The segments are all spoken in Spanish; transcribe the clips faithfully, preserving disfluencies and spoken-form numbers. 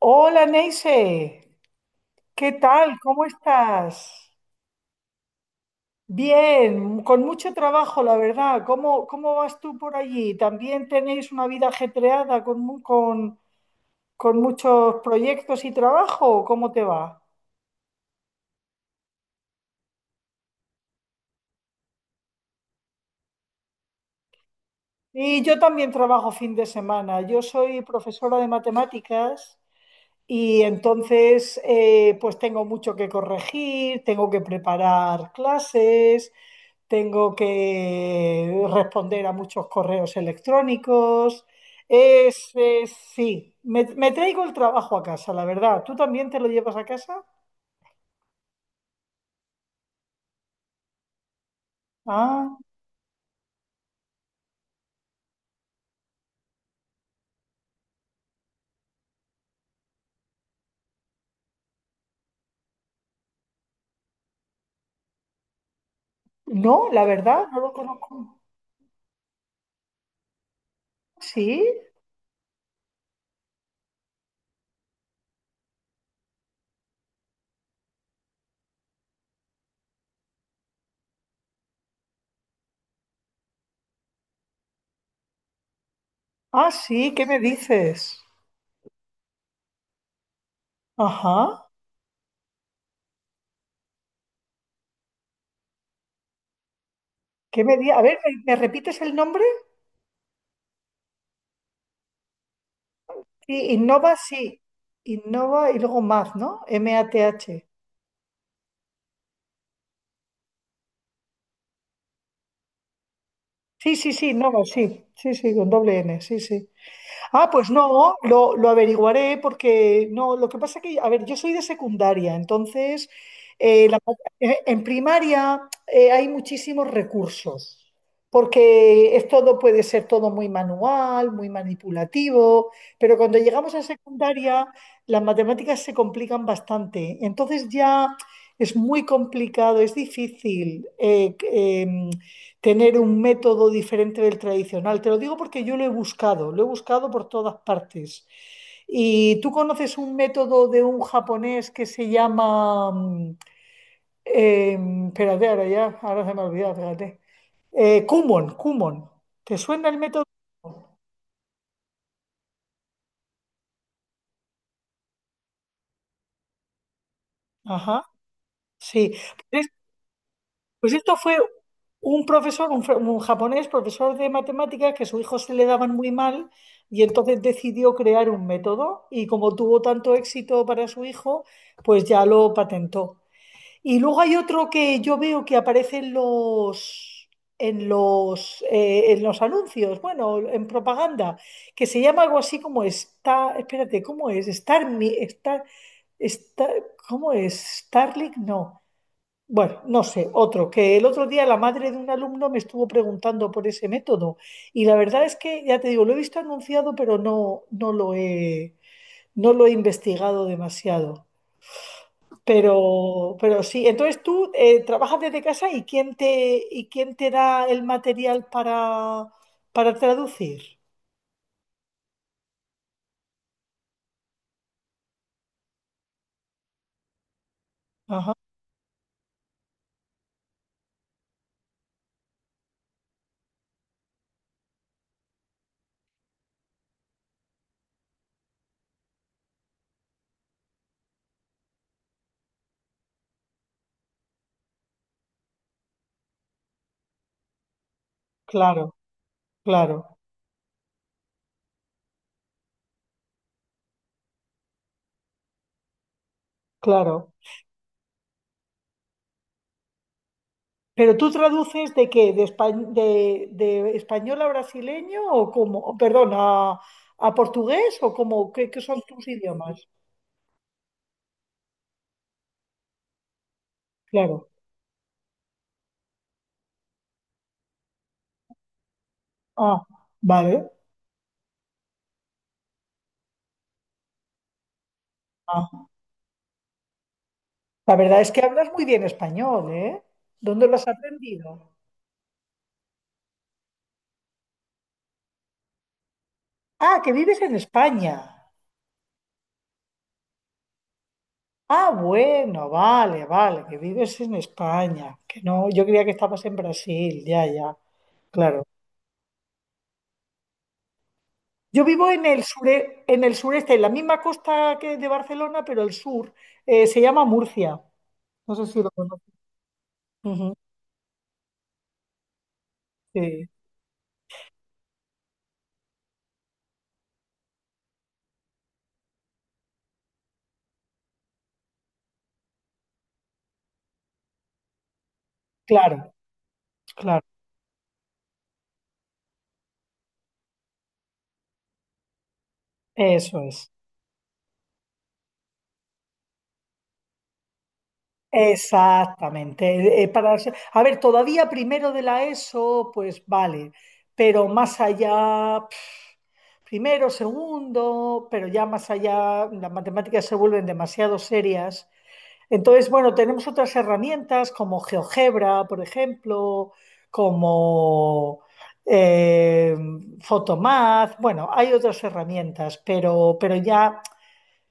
Hola Neise, ¿qué tal? ¿Cómo estás? Bien, con mucho trabajo, la verdad. ¿Cómo, cómo vas tú por allí? ¿También tenéis una vida ajetreada con, mu- con, con muchos proyectos y trabajo? ¿Cómo te va? Y yo también trabajo fin de semana. Yo soy profesora de matemáticas y entonces eh, pues tengo mucho que corregir, tengo que preparar clases, tengo que responder a muchos correos electrónicos. Es, es- sí, me, me traigo el trabajo a casa, la verdad. ¿Tú también te lo llevas a casa? Ah, no, la verdad, no lo conozco. ¿Sí? Ah, sí, ¿qué me dices? Ajá. ¿Qué me di- A ver, ¿me, me repites el nombre? Sí, Innova, sí. Innova y luego Math, ¿no? M-A-T-H. Sí, sí, sí, Innova, sí. Sí, sí, con doble N, sí, sí. Ah, pues no, lo, lo averiguaré porque no, lo que pasa que, a ver, yo soy de secundaria, entonces eh, la- eh, en primaria eh, hay muchísimos recursos, porque es todo, puede ser todo muy manual, muy manipulativo, pero cuando llegamos a secundaria las matemáticas se complican bastante, entonces ya es muy complicado, es difícil. Eh, em, tener un método diferente del tradicional. Te lo digo porque yo lo he buscado, lo he buscado por todas partes. ¿Y tú conoces un método de un japonés que se llama, mm, eh, espérate, ahora ya, ahora se me ha olvidado, fíjate. Eh, Kumon, Kumon. ¿Te suena el método? Ajá, sí. Pues esto fue un profesor, un, fr- un japonés, profesor de matemáticas, que a su hijo se le daban muy mal y entonces decidió crear un método y como tuvo tanto éxito para su hijo, pues ya lo patentó. Y luego hay otro que yo veo que aparece en los, en los, eh, en los anuncios, bueno, en propaganda, que se llama algo así como está, espérate, ¿cómo es? Star, Mi- Star, Star- ¿cómo es? Starlink, no. Bueno, no sé, otro, que el otro día la madre de un alumno me estuvo preguntando por ese método y la verdad es que, ya te digo, lo he visto anunciado, pero no, no lo he, no lo he investigado demasiado. Pero, pero sí, entonces tú eh, trabajas desde casa y quién te, y quién te da el material para, para traducir. Ajá, claro, claro, claro. ¿Pero tú traduces de qué? ¿De, espa- de- de español a brasileño o como, O, perdón, a, a portugués o cómo? ¿Qué, qué son tus idiomas? Claro. Ah, vale. Ah. La verdad es que hablas muy bien español, ¿eh? ¿Dónde lo has aprendido? Ah, que vives en España. Ah, bueno, vale, vale, que vives en España. Que no, yo creía que estabas en Brasil, ya, ya. Claro. Yo vivo en el sure, en el sureste, en la misma costa que de Barcelona, pero el sur. Eh, se llama Murcia. No sé si lo conoces. Ujú, sí. Claro, claro. Eso es. Exactamente. Eh, para, a ver, todavía primero de la ESO, pues vale, pero más allá, pf, primero, segundo, pero ya más allá, las matemáticas se vuelven demasiado serias. Entonces, bueno, tenemos otras herramientas como GeoGebra, por ejemplo, como eh, Photomath. Bueno, hay otras herramientas, pero, pero ya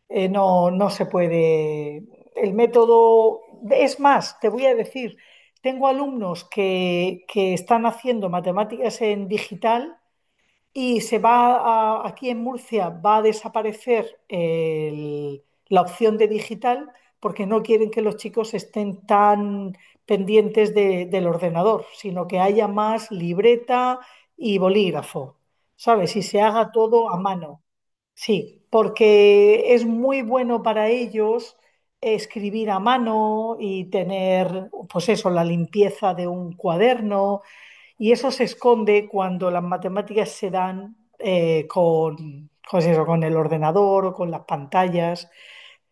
eh, no, no se puede. El método, es más, te voy a decir, tengo alumnos que, que están haciendo matemáticas en digital y se va a- aquí en Murcia va a desaparecer el- la opción de digital porque no quieren que los chicos estén tan pendientes de- del ordenador, sino que haya más libreta y bolígrafo, ¿sabes? Y se haga todo a mano. Sí, porque es muy bueno para ellos escribir a mano y tener, pues eso, la limpieza de un cuaderno y eso se esconde cuando las matemáticas se dan eh, con, con eso, con el ordenador o con las pantallas.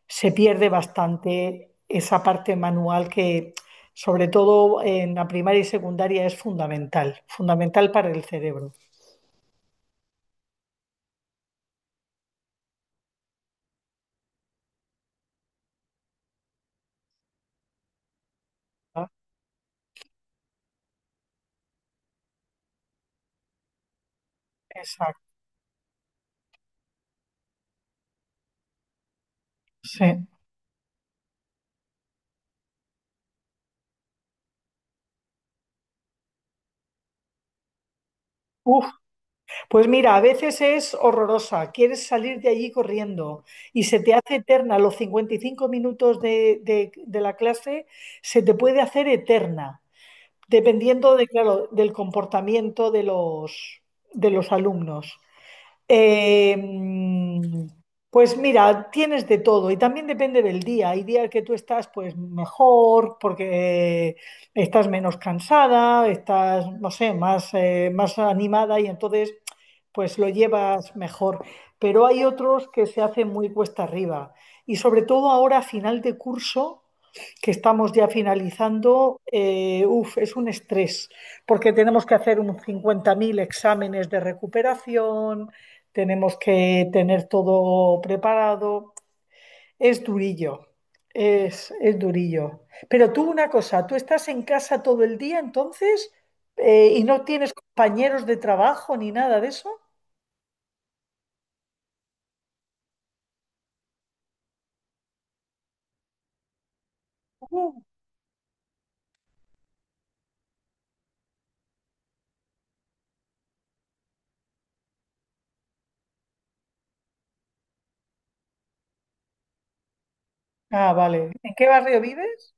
Se pierde bastante esa parte manual que, sobre todo en la primaria y secundaria, es fundamental, fundamental para el cerebro. ¿Verdad? Exacto, sí. Uf, pues mira, a veces es horrorosa, quieres salir de allí corriendo y se te hace eterna los cincuenta y cinco minutos de, de- de la clase, se te puede hacer eterna, dependiendo de, claro, del comportamiento de los, de los alumnos. Eh, pues mira, tienes de todo y también depende del día. Hay días que tú estás pues mejor porque estás menos cansada, estás, no sé, más, eh, más animada y entonces pues lo llevas mejor. Pero hay otros que se hacen muy cuesta arriba y sobre todo ahora a final de curso que estamos ya finalizando, eh, uf, es un estrés, porque tenemos que hacer un cincuenta mil exámenes de recuperación, tenemos que tener todo preparado. Es durillo, es, es durillo. Pero tú una cosa, tú estás en casa todo el día entonces eh, y no tienes compañeros de trabajo ni nada de eso. Uh, ah, vale. ¿En qué barrio vives?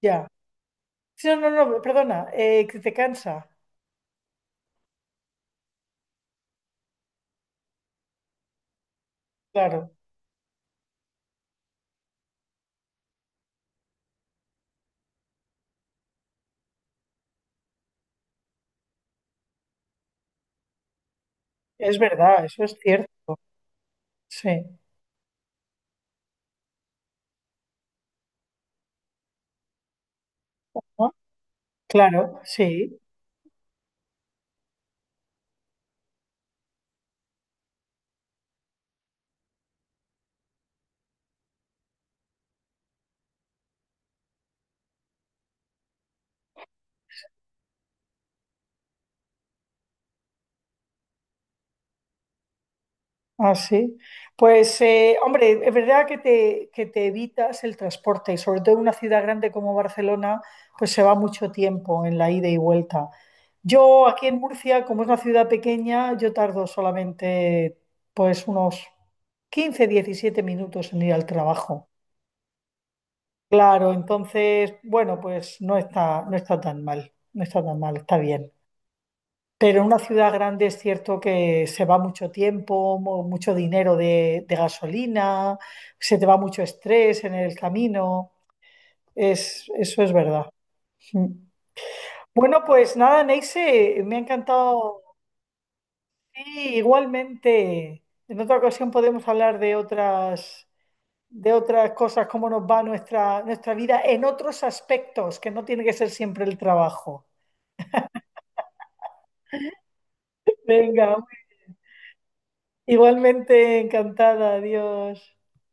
Ya. Sí, no, no, no, perdona, eh, que te cansa. Claro. Es verdad, eso es cierto. Sí, ¿no? Claro, sí, así. Pues, eh, hombre, es verdad que te, que te evitas el transporte y sobre todo en una ciudad grande como Barcelona, pues se va mucho tiempo en la ida y vuelta. Yo aquí en Murcia, como es una ciudad pequeña, yo tardo solamente pues unos quince diecisiete minutos en ir al trabajo. Claro, entonces, bueno, pues no está, no está tan mal, no está tan mal, está bien. Pero en una ciudad grande es cierto que se va mucho tiempo, mu- mucho dinero de, de gasolina, se te va mucho estrés en el camino. Es, eso es verdad. Mm. Bueno, pues nada, Neise, me ha encantado. Sí, igualmente. En otra ocasión podemos hablar de otras, de otras, cosas, cómo nos va nuestra, nuestra vida en otros aspectos, que no tiene que ser siempre el trabajo. Venga, igualmente encantada, adiós.